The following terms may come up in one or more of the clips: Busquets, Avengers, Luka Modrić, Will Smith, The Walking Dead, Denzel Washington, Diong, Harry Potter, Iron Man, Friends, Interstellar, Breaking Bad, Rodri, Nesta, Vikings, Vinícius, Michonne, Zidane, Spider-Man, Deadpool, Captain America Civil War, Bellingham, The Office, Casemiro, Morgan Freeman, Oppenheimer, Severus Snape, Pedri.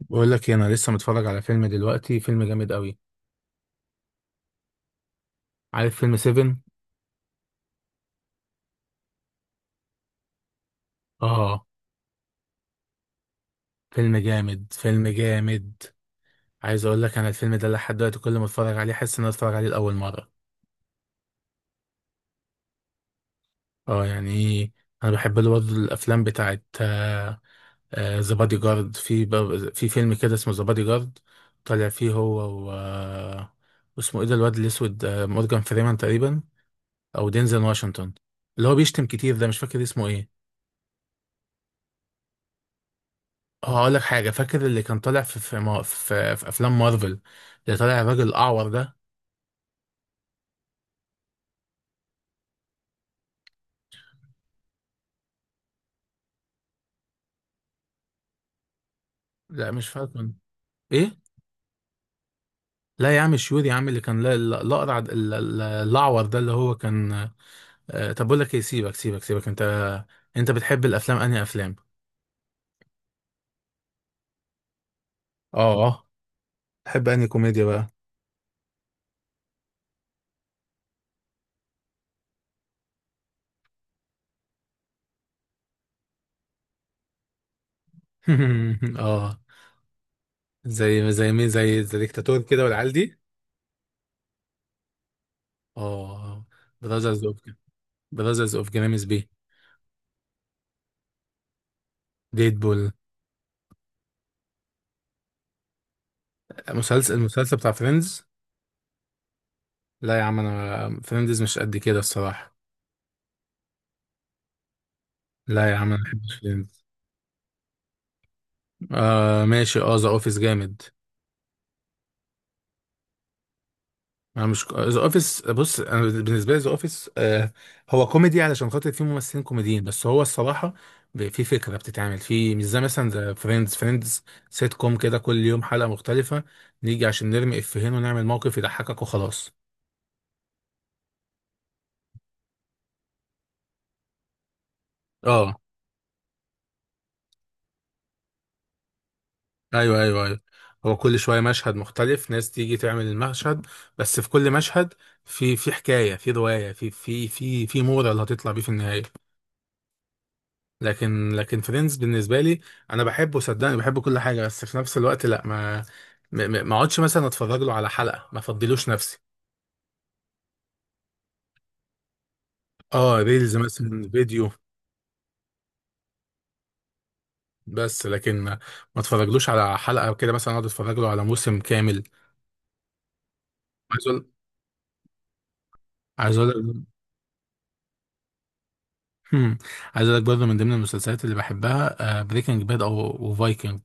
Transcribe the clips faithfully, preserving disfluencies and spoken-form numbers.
بقول لك إيه، انا لسه متفرج على فيلم دلوقتي، فيلم جامد قوي. عارف فيلم سفن؟ اه. فيلم جامد، فيلم جامد. عايز اقول لك انا الفيلم ده لحد دلوقتي كل ما اتفرج عليه احس ان انا اتفرج عليه لاول مره. اه يعني. انا بحب له برضه الافلام بتاعت ذا بادي جارد، في ب- في فيلم كده اسمه ذا بادي جارد. طالع فيه هو. و آه، اسمه ايه ده، الواد الاسود، آه، مورجان فريمان تقريبا، او دينزل واشنطن، اللي هو بيشتم كتير ده. مش فاكر اسمه ايه. هقول لك حاجة، فاكر اللي كان طالع في في, ما- في, في أفلام مارفل، اللي طالع الراجل الأعور ده؟ لا مش فاكر، كان- إيه؟ لا يا عم شيور يا عم، اللي كان لا- لا- الأقرع د- ال- ال- الأعور ده اللي هو كان. آه، طب بقول لك إيه، سيبك سيبك سيبك أنت. أنت بتحب الأفلام أنهي أفلام؟ آه آه. تحب أنهي كوميديا بقى؟ آه. زي زي مين؟ زي زي ديكتاتور كده والعيال دي؟ آه. براذرز أوف، براذرز أوف جرامز بي. ديدبول. مسلسل المسلسل بتاع فريندز. لا يا عم، انا فريندز مش قد كده الصراحه. لا يا عم انا مبحبش فريندز. آه ماشي، اه ذا اوفيس جامد. انا مش ذا اوفيس، بص انا بالنسبه لي ذا اوفيس آه، هو كوميدي علشان خاطر فيه ممثلين كوميديين، بس هو الصراحه ب- في فكره بتتعمل في، مش زي مثلا ذا فريندز. فريندز سيت كوم كده، كل يوم حلقه مختلفه، نيجي عشان نرمي افيهين ونعمل موقف يضحكك وخلاص. اه ايوه ايوه ايوه. هو كل شويه مشهد مختلف، ناس تيجي تعمل المشهد. بس في كل مشهد، في في حكايه، في روايه، في في في في مورا اللي هتطلع بيه في النهايه. لكن لكن فريندز بالنسبه لي، انا بحبه صدقني، بحب كل حاجه، بس في نفس الوقت لا، ما ما ما- ما اقعدش مثلا اتفرج له على حلقه، ما افضلوش نفسي. اه ريلز مثلا، فيديو. بس لكن ما، ما اتفرجلوش على حلقه وكده، مثلا اقعد اتفرج له على موسم كامل. عايز اقول عايز اقول لك. هم. عايز اقول لك برضه من ضمن المسلسلات اللي بحبها بريكنج باد او فايكنج.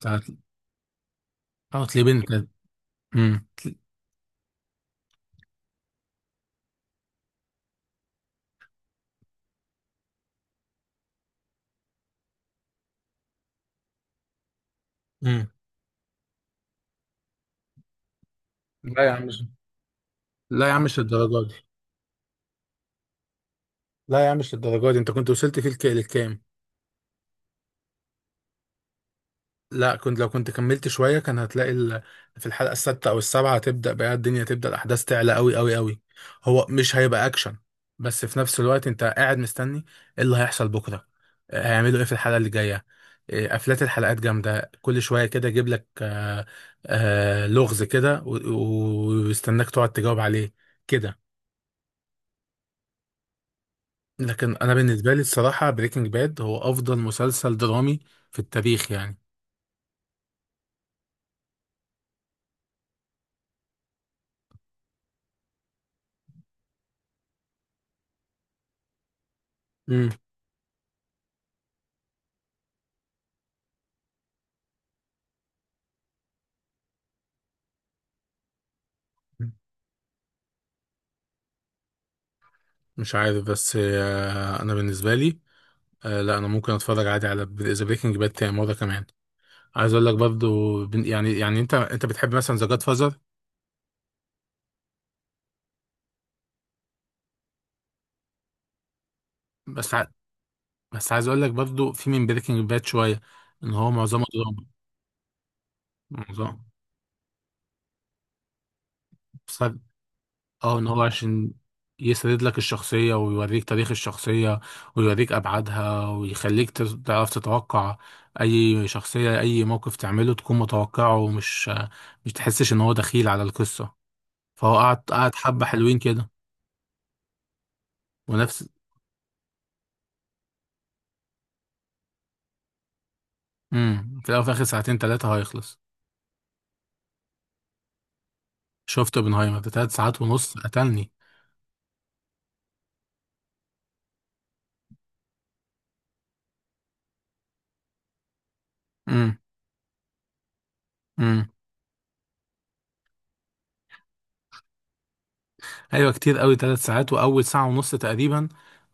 بتاعت. اه تليبن كانت- هم. امم. لا يا عم مش- لا يا عم مش للدرجه دي. لا يا عم مش للدرجه دي، انت كنت وصلت فيه الك- للكام؟ لا، كنت لو كنت كملت شوية كان هتلاقي ال. في الحلقة السادسة أو السابعة هتبدأ بقى الدنيا، تبدأ الأحداث تعلى أوي أوي أوي. هو مش هيبقى أكشن، بس في نفس الوقت أنت قاعد مستني إيه اللي هيحصل بكرة، آه، هيعملوا إيه في الحلقة اللي جاية. آه، قفلات الحلقات جامدة، كل شوية كده يجيب لك آه، آه، لغز كده و- و- ويستناك تقعد تجاوب عليه كده. لكن أنا بالنسبة لي الصراحة بريكنج باد هو أفضل مسلسل درامي في التاريخ يعني. مم. مش عارف بس، آه، انا بالنسبه لي، آه، لا انا ممكن اتفرج عادي على ذا بريكنج باد تاني مره كمان. عايز اقول لك برضو بن- يعني، يعني انت انت بتحب مثلا ذا جاد فازر؟ بس ع... بس عايز اقول لك برضو في من بريكنج باد شويه ان هو معظمه دراما. معظمه بسبب- اه ان هو عشان يسرد لك الشخصيه، ويوريك تاريخ الشخصيه، ويوريك ابعادها، ويخليك تز- تعرف تتوقع اي شخصيه، اي موقف تعمله تكون متوقعه، ومش، مش تحسش ان هو دخيل على القصه. فهو قعد قعد حبة حلوين كده. ونفس. امم في الأول وفي الآخر ساعتين تلاتة هيخلص. شفت اوبنهايمر ده، تلات ساعات ونص، قتلني. امم. ايوه كتير قوي، ثلاث ساعات واول ساعه ونص تقريبا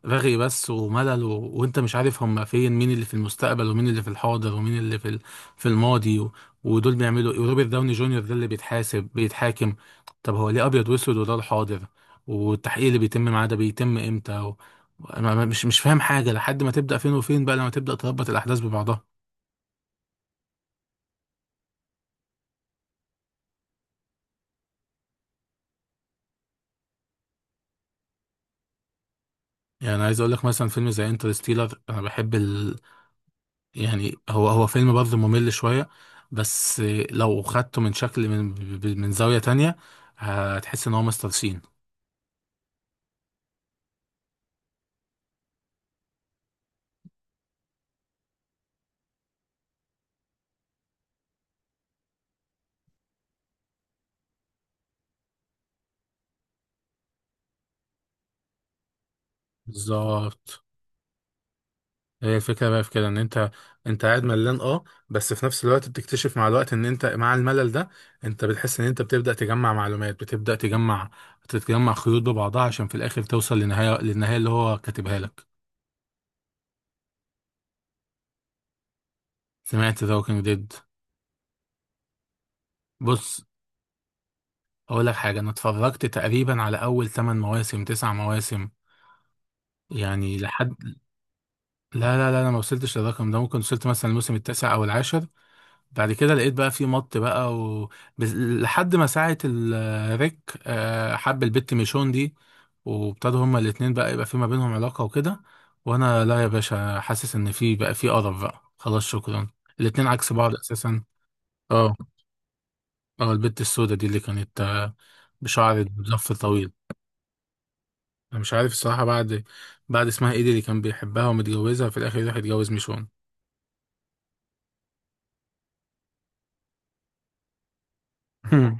رغي بس وملل و. وانت مش عارف هم فين، مين اللي في المستقبل ومين اللي في الحاضر ومين اللي في ال، في الماضي و، ودول بيعملوا ايه، وروبرت داوني جونيور ده اللي بيتحاسب بيتحاكم، طب هو ليه ابيض واسود وده الحاضر، والتحقيق اللي بيتم معاه ده بيتم امتى و. أنا ما- مش مش فاهم حاجه لحد ما تبدا فين وفين بقى، لما تبدا تربط الاحداث ببعضها. يعني عايز اقول لك مثلا فيلم زي انترستيلر انا بحب، يعني هو هو فيلم برضه ممل شوية، بس لو خدته من شكل، من، من زاوية تانية، هتحس ان هو مستر سين. بالظبط. هي الفكرة بقى في كده ان انت، انت قاعد ملان اه، بس في نفس الوقت بتكتشف مع الوقت ان انت مع الملل ده انت بتحس ان انت بتبدأ تجمع معلومات، بتبدأ تجمع، تتجمع خيوط ببعضها عشان في الاخر توصل لنهاية، للنهاية اللي هو كاتبها لك. سمعت ذا ووكينج ديد. بص اقول لك حاجة، انا اتفرجت تقريبا على اول 8 مواسم، 9 مواسم يعني لحد. لا لا لا، انا ما وصلتش للرقم ده، ممكن وصلت مثلا الموسم التاسع او العاشر. بعد كده لقيت بقى في مط بقى و، بس- لحد ما ساعة الريك آه، حب البت ميشون دي، وابتدوا هما الاتنين بقى يبقى في ما بينهم علاقة وكده، وانا لا يا باشا حاسس ان في بقى، في قرف بقى خلاص شكرا. الاتنين عكس بعض اساسا. اه. اه البت السوداء دي اللي كانت آه، بشعر مزفر طويل. انا مش عارف الصراحة بعد بعد اسمها ايه دي اللي كان بيحبها ومتجوزها، في الاخر راح يتجوز ميشون.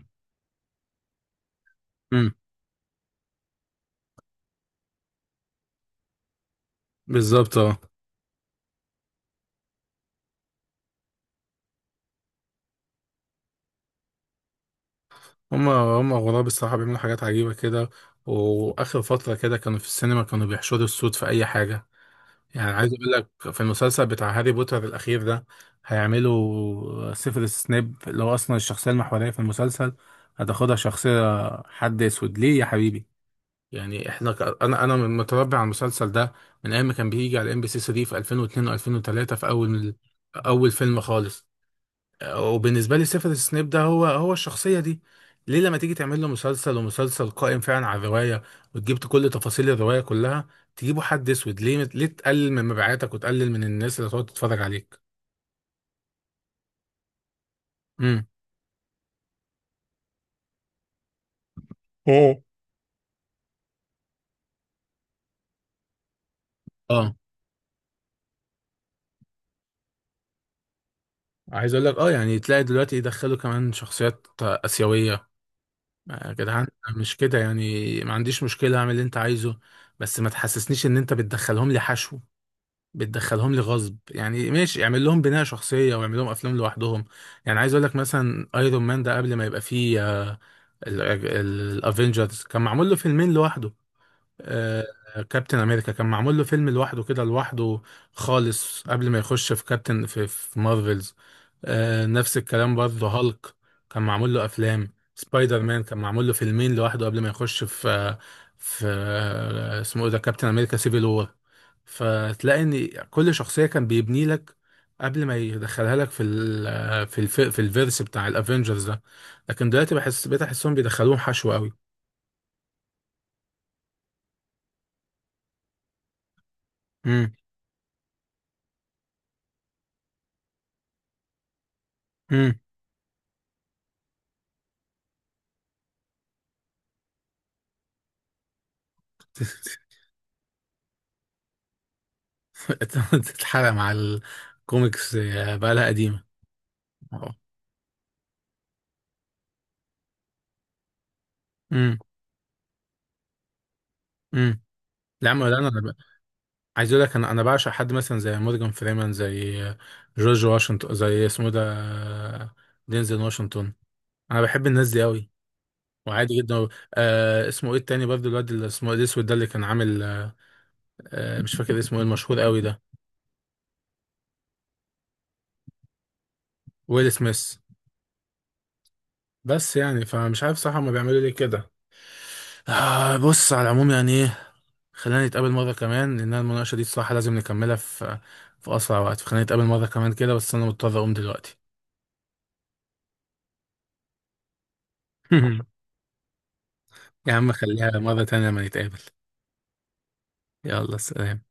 بالظبط اه. هما هما غراب الصراحة بيعملوا حاجات عجيبة كده. وآخر فترة كده كانوا في السينما كانوا بيحشروا الصوت في أي حاجة. يعني عايز أقول لك في المسلسل بتاع هاري بوتر الأخير ده هيعملوا سيفيروس سنيب اللي هو أصلا الشخصية المحورية في المسلسل، هتاخدها شخصية حد أسود ليه يا حبيبي؟ يعني احنا ك. انا انا من- متربي على المسلسل ده من ايام ما كان بيجي على ام بي سي تلاتة في ألفين و اثنين و2003 في اول، اول فيلم خالص. وبالنسبه لي سيفيروس سنيب ده هو هو الشخصيه دي، ليه لما تيجي تعمل له مسلسل، ومسلسل قائم فعلا على الروايه، وتجيب كل تفاصيل الروايه كلها، تجيبوا حد اسود ليه؟ ليه تقلل من مبيعاتك وتقلل من الناس اللي هتقعد تتفرج عليك؟ امم. مم. اه عايز اقول لك اه يعني تلاقي دلوقتي يدخلوا كمان شخصيات اسيويه، آه، يا جدعان. مش كده يعني، ما عنديش مشكله اعمل اللي انت عايزه، بس ما تحسسنيش ان انت بتدخلهم لي حشو، بتدخلهم لي غصب. يعني ماشي اعمل لهم بناء شخصية واعمل لهم افلام لوحدهم. يعني عايز اقول لك مثلا ايرون مان ده قبل ما يبقى فيه الافنجرز كان معمول له فيلمين لوحده. آه، كابتن امريكا كان معمول له فيلم لوحده كده، لوحده خالص قبل ما يخش في كابتن في, في مارفلز. آه، نفس الكلام برضه هالك كان معمول له افلام، سبايدر مان كان معمول له فيلمين لوحده قبل ما يخش في آه، في آه، اسمه ايه ده كابتن امريكا سيفيل وور. فتلاقي ان كل شخصيه كان بيبني لك قبل ما يدخلها لك في ال آه، في الف في الفيرس بتاع الافنجرز ده. لكن دلوقتي بحس بقيت احسهم بيدخلوهم حشو قوي. امم. امم. تتحرق مع الكوميكس، آه، بقى لها قديمه. اه. امم. امم. لا ما لا، انا أنا ب- عايز اقول لك انا انا بعشق حد مثلا زي مورجان فريمان، زي جورج واشنطن، زي اسمه ده، دينزل واشنطن. انا بحب الناس دي قوي وعادي جدا. آه اسمه ايه التاني برضه الواد اللي اسمه، إيه، الاسود ده اللي كان عامل آه، آه، مش فاكر اسمه ايه المشهور قوي ده. ويل سميث. بس يعني فمش عارف صراحه هما بيعملوا ليه كده. آه بص، على العموم يعني خلينا نتقابل مرة كمان لأن المناقشة دي الصراحة لازم نكملها في، في أسرع وقت، فخلينا نتقابل مرة كمان كده، بس أنا مضطر أقوم دلوقتي. يا عم خليها مرة تانية لما نتقابل. يلا سلام.